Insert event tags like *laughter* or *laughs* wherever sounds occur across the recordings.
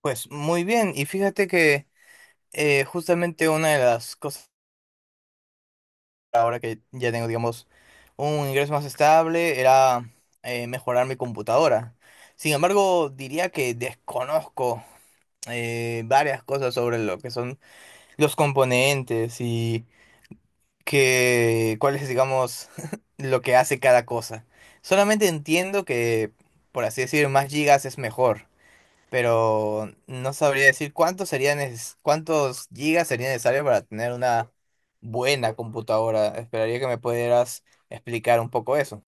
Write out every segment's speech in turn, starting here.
Pues muy bien, y fíjate que justamente una de las cosas ahora que ya tengo, digamos, un ingreso más estable era mejorar mi computadora. Sin embargo, diría que desconozco varias cosas sobre lo que son los componentes y que cuál es, digamos, *laughs* lo que hace cada cosa. Solamente entiendo que, por así decir, más gigas es mejor. Pero no sabría decir cuántos gigas sería necesario para tener una buena computadora. Esperaría que me pudieras explicar un poco eso.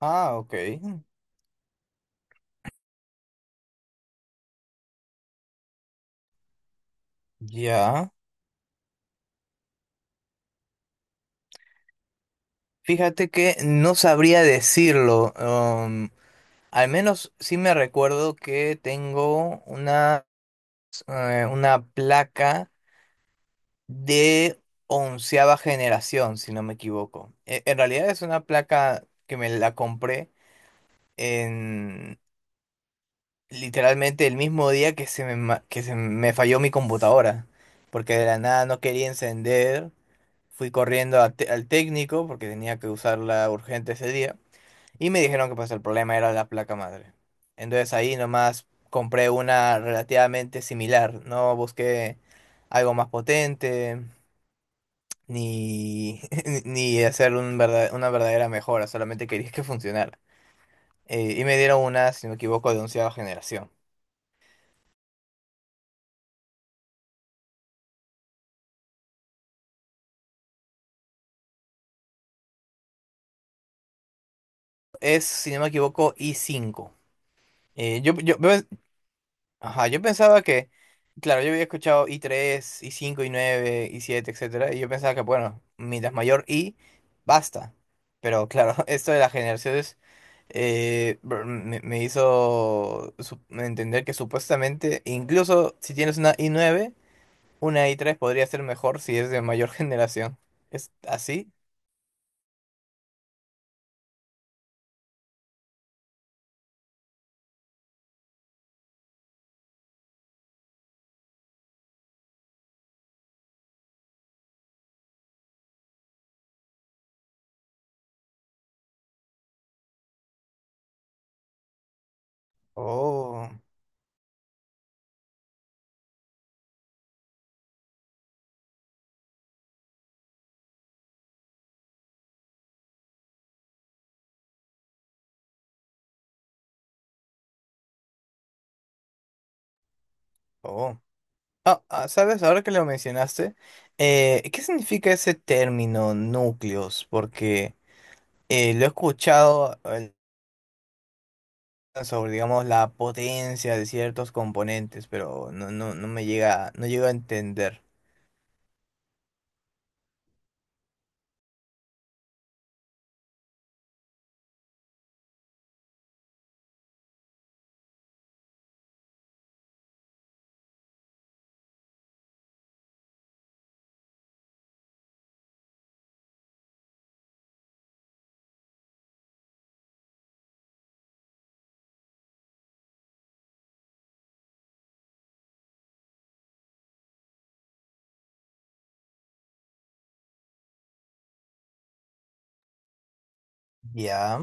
Ah, ok. Ya. Fíjate que no sabría decirlo. Al menos sí me recuerdo que tengo una placa de onceava generación, si no me equivoco. En realidad es una placa que me la compré en literalmente el mismo día que que se me falló mi computadora, porque de la nada no quería encender, fui corriendo al técnico porque tenía que usarla urgente ese día, y me dijeron que pues el problema era la placa madre. Entonces ahí nomás compré una relativamente similar, no busqué algo más potente, ni, *laughs* ni hacer una verdadera mejora, solamente quería que funcionara. Y me dieron una, si no me equivoco, de onceava generación. Es, si no me equivoco, i cinco. Eh, yo, yo, yo- ajá, yo pensaba que, claro, yo había escuchado i tres i cinco i nueve i siete etcétera, y yo pensaba que, bueno, mientras mayor I, basta. Pero claro, *laughs* esto de las generaciones me hizo entender que supuestamente, incluso si tienes una i nueve una i tres podría ser mejor si es de mayor *laughs* generación. ¿Es así? Oh, oh. Ah, ah, ¿sabes? Ahora que lo mencionaste, ¿qué significa ese término núcleos? Porque lo he escuchado sobre, digamos, la potencia de ciertos componentes, pero no me llega, no llego a entender. Ya.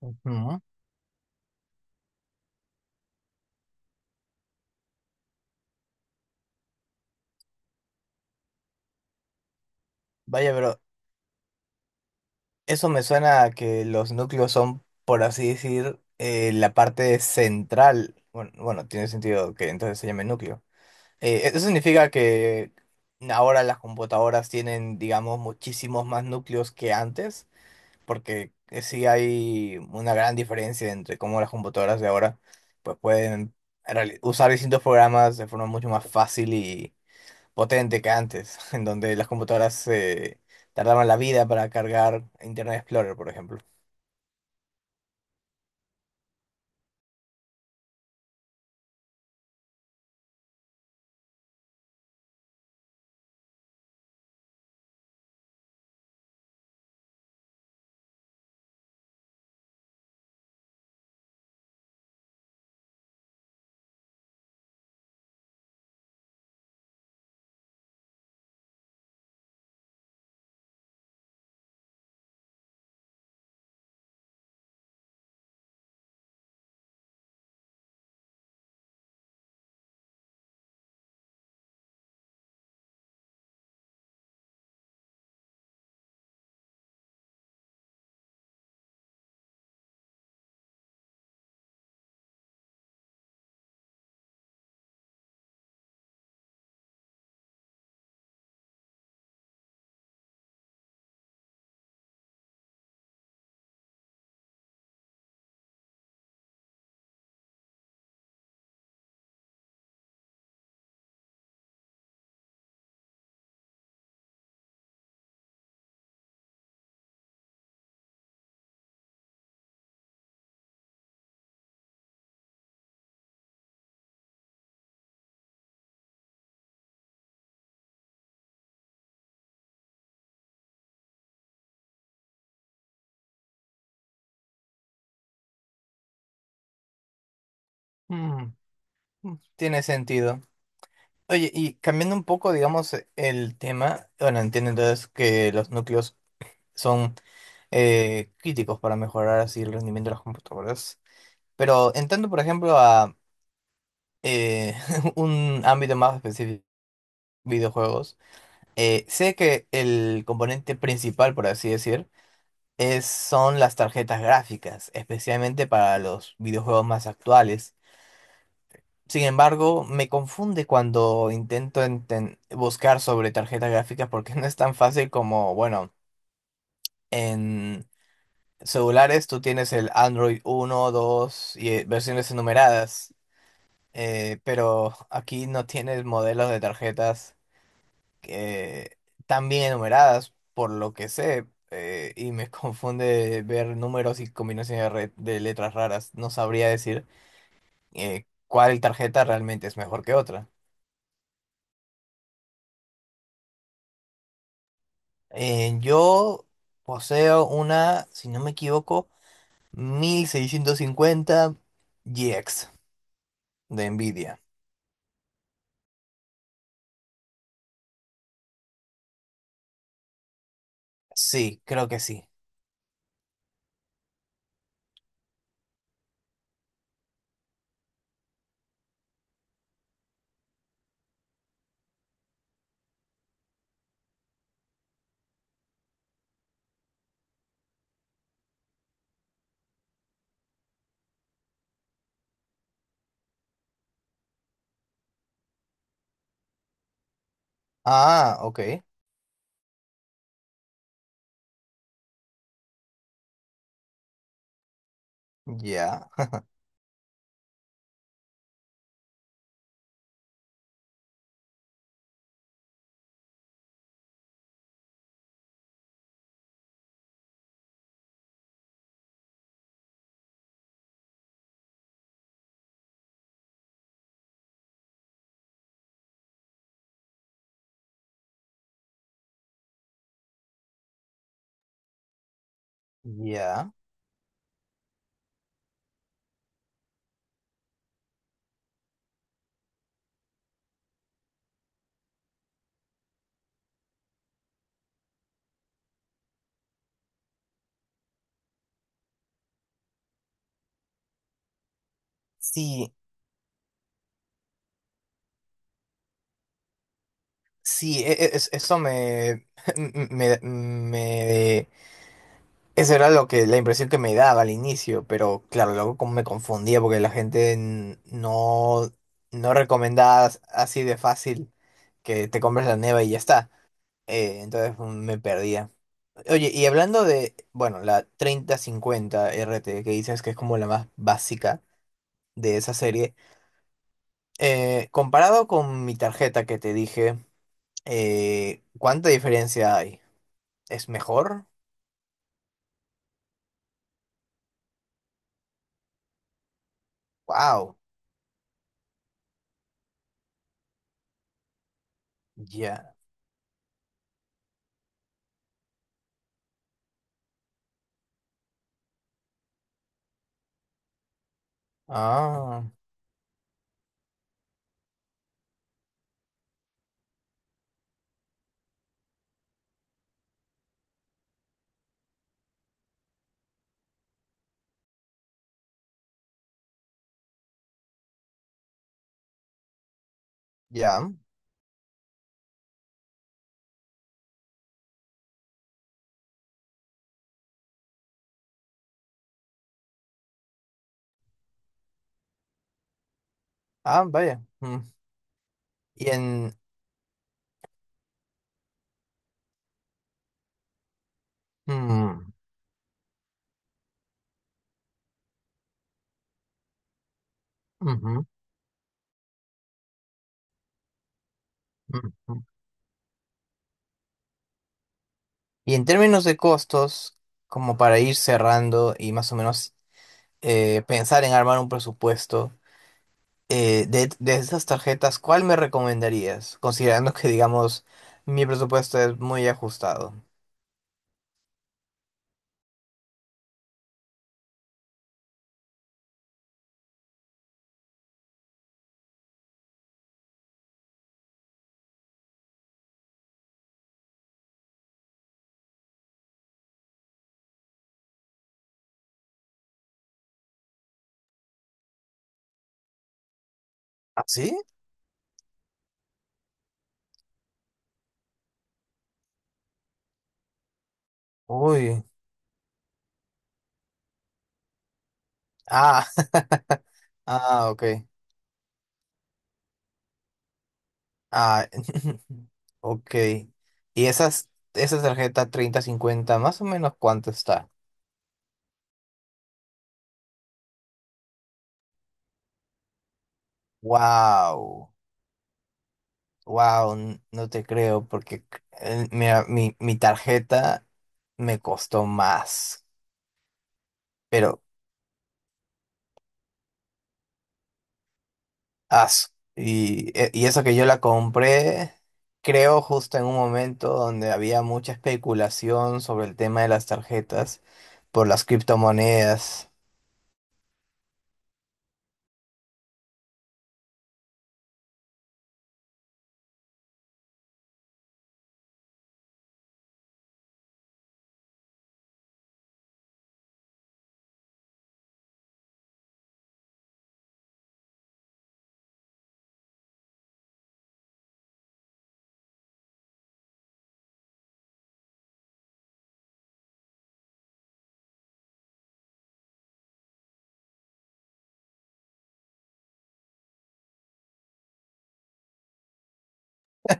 Ujú. Vaya, pero eso me suena a que los núcleos son, por así decir, la parte central. Bueno, bueno, tiene sentido que entonces se llame núcleo. Eso significa que ahora las computadoras tienen, digamos, muchísimos más núcleos que antes, porque sí hay una gran diferencia entre cómo las computadoras de ahora pues pueden usar distintos programas de forma mucho más fácil y potente que antes, *laughs* en donde las computadoras tardaban la vida para cargar Internet Explorer, por ejemplo. Mm, mm, tiene sentido. Oye, y cambiando un poco, digamos, el tema, bueno, entiendo entonces que los núcleos son críticos para mejorar así el rendimiento de las computadoras. Pero entrando, por ejemplo, a eh, *laughs* un ámbito más específico, videojuegos, sé que el componente principal, por así decir, son las tarjetas gráficas, especialmente para los videojuegos más actuales. Sin embargo, me confunde cuando buscar sobre tarjetas gráficas porque *laughs* no es tan fácil como, bueno, en celulares tú tienes el Android uno, 2 y versiones enumeradas, pero aquí no tienes modelos de tarjetas eh, tan bien enumeradas, por lo que sé, y me *laughs* confunde ver números y combinaciones de letras raras. No sabría decir cuál tarjeta realmente es mejor que otra. Yo poseo una, si no me equivoco, 1650 GX de Nvidia. Sí, creo que sí. Ah, ok. Ya, ya. Sí, sí, eso *laughs* me, me- eso era lo que, la impresión que me daba al inicio, pero claro, luego como me confundía porque la gente no recomendaba así de fácil que te compres la neva y ya está. Entonces mm, me perdía. Oye, y hablando de, bueno, la treinta cincuenta R T que dices que es como la más básica de esa serie. Comparado con mi tarjeta que te dije, ¿cuánta diferencia hay? ¿Es mejor? Wow, ya. Ah, ya. Ah, vaya. Mm. Y en... mm, ujú, ujú. Y en términos de costos, como para ir cerrando y más o menos pensar en armar un presupuesto, de esas tarjetas, ¿cuál me recomendarías? Considerando que, digamos, mi presupuesto es muy ajustado. ¿Así? Uy. Ah, *laughs* ah, ok. Ah, *laughs* ok. Y esas, esa tarjeta treinta, cincuenta, más o menos cuánto está. Wow, wow, no te creo, porque mira, mi tarjeta me costó más. Pero, as, y eso que yo la compré, creo justo en un momento donde había mucha especulación sobre el tema de las tarjetas por las criptomonedas.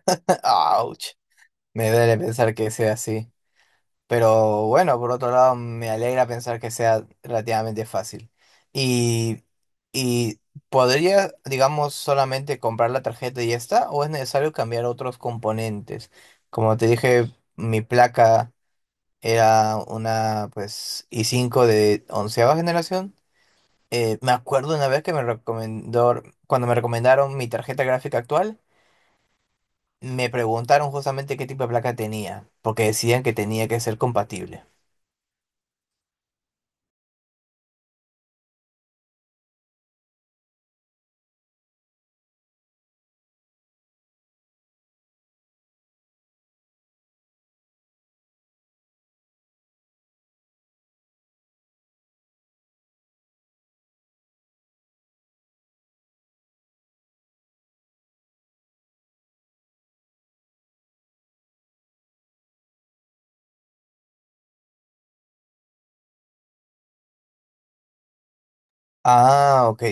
*laughs* Ouch. Me duele pensar que sea así, pero bueno, por otro lado, me alegra pensar que sea relativamente fácil. Y, y podría, digamos, solamente comprar la tarjeta y ya está, o es necesario cambiar otros componentes. Como te dije, mi placa era una, pues, i cinco de onceava generación. Me acuerdo una vez que cuando me recomendaron mi tarjeta gráfica actual, me preguntaron justamente qué tipo de placa tenía, porque decían que tenía que ser compatible. Ah, ok.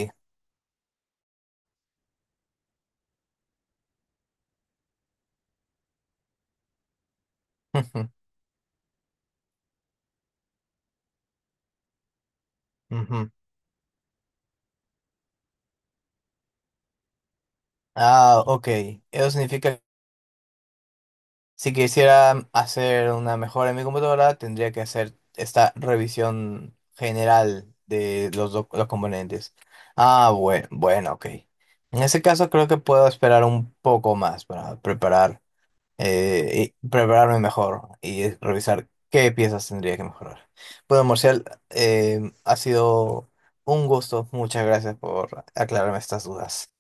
*laughs* Ujú. Ah, ok. Eso significa que si quisiera hacer una mejora en mi computadora, tendría que hacer esta revisión general de los componentes. Ah, bueno, bueno, ok. En ese caso creo que puedo esperar un poco más para preparar. Y prepararme mejor y revisar qué piezas tendría que mejorar. Bueno, Marcial, eh, ha sido un gusto. Muchas gracias por aclararme estas dudas.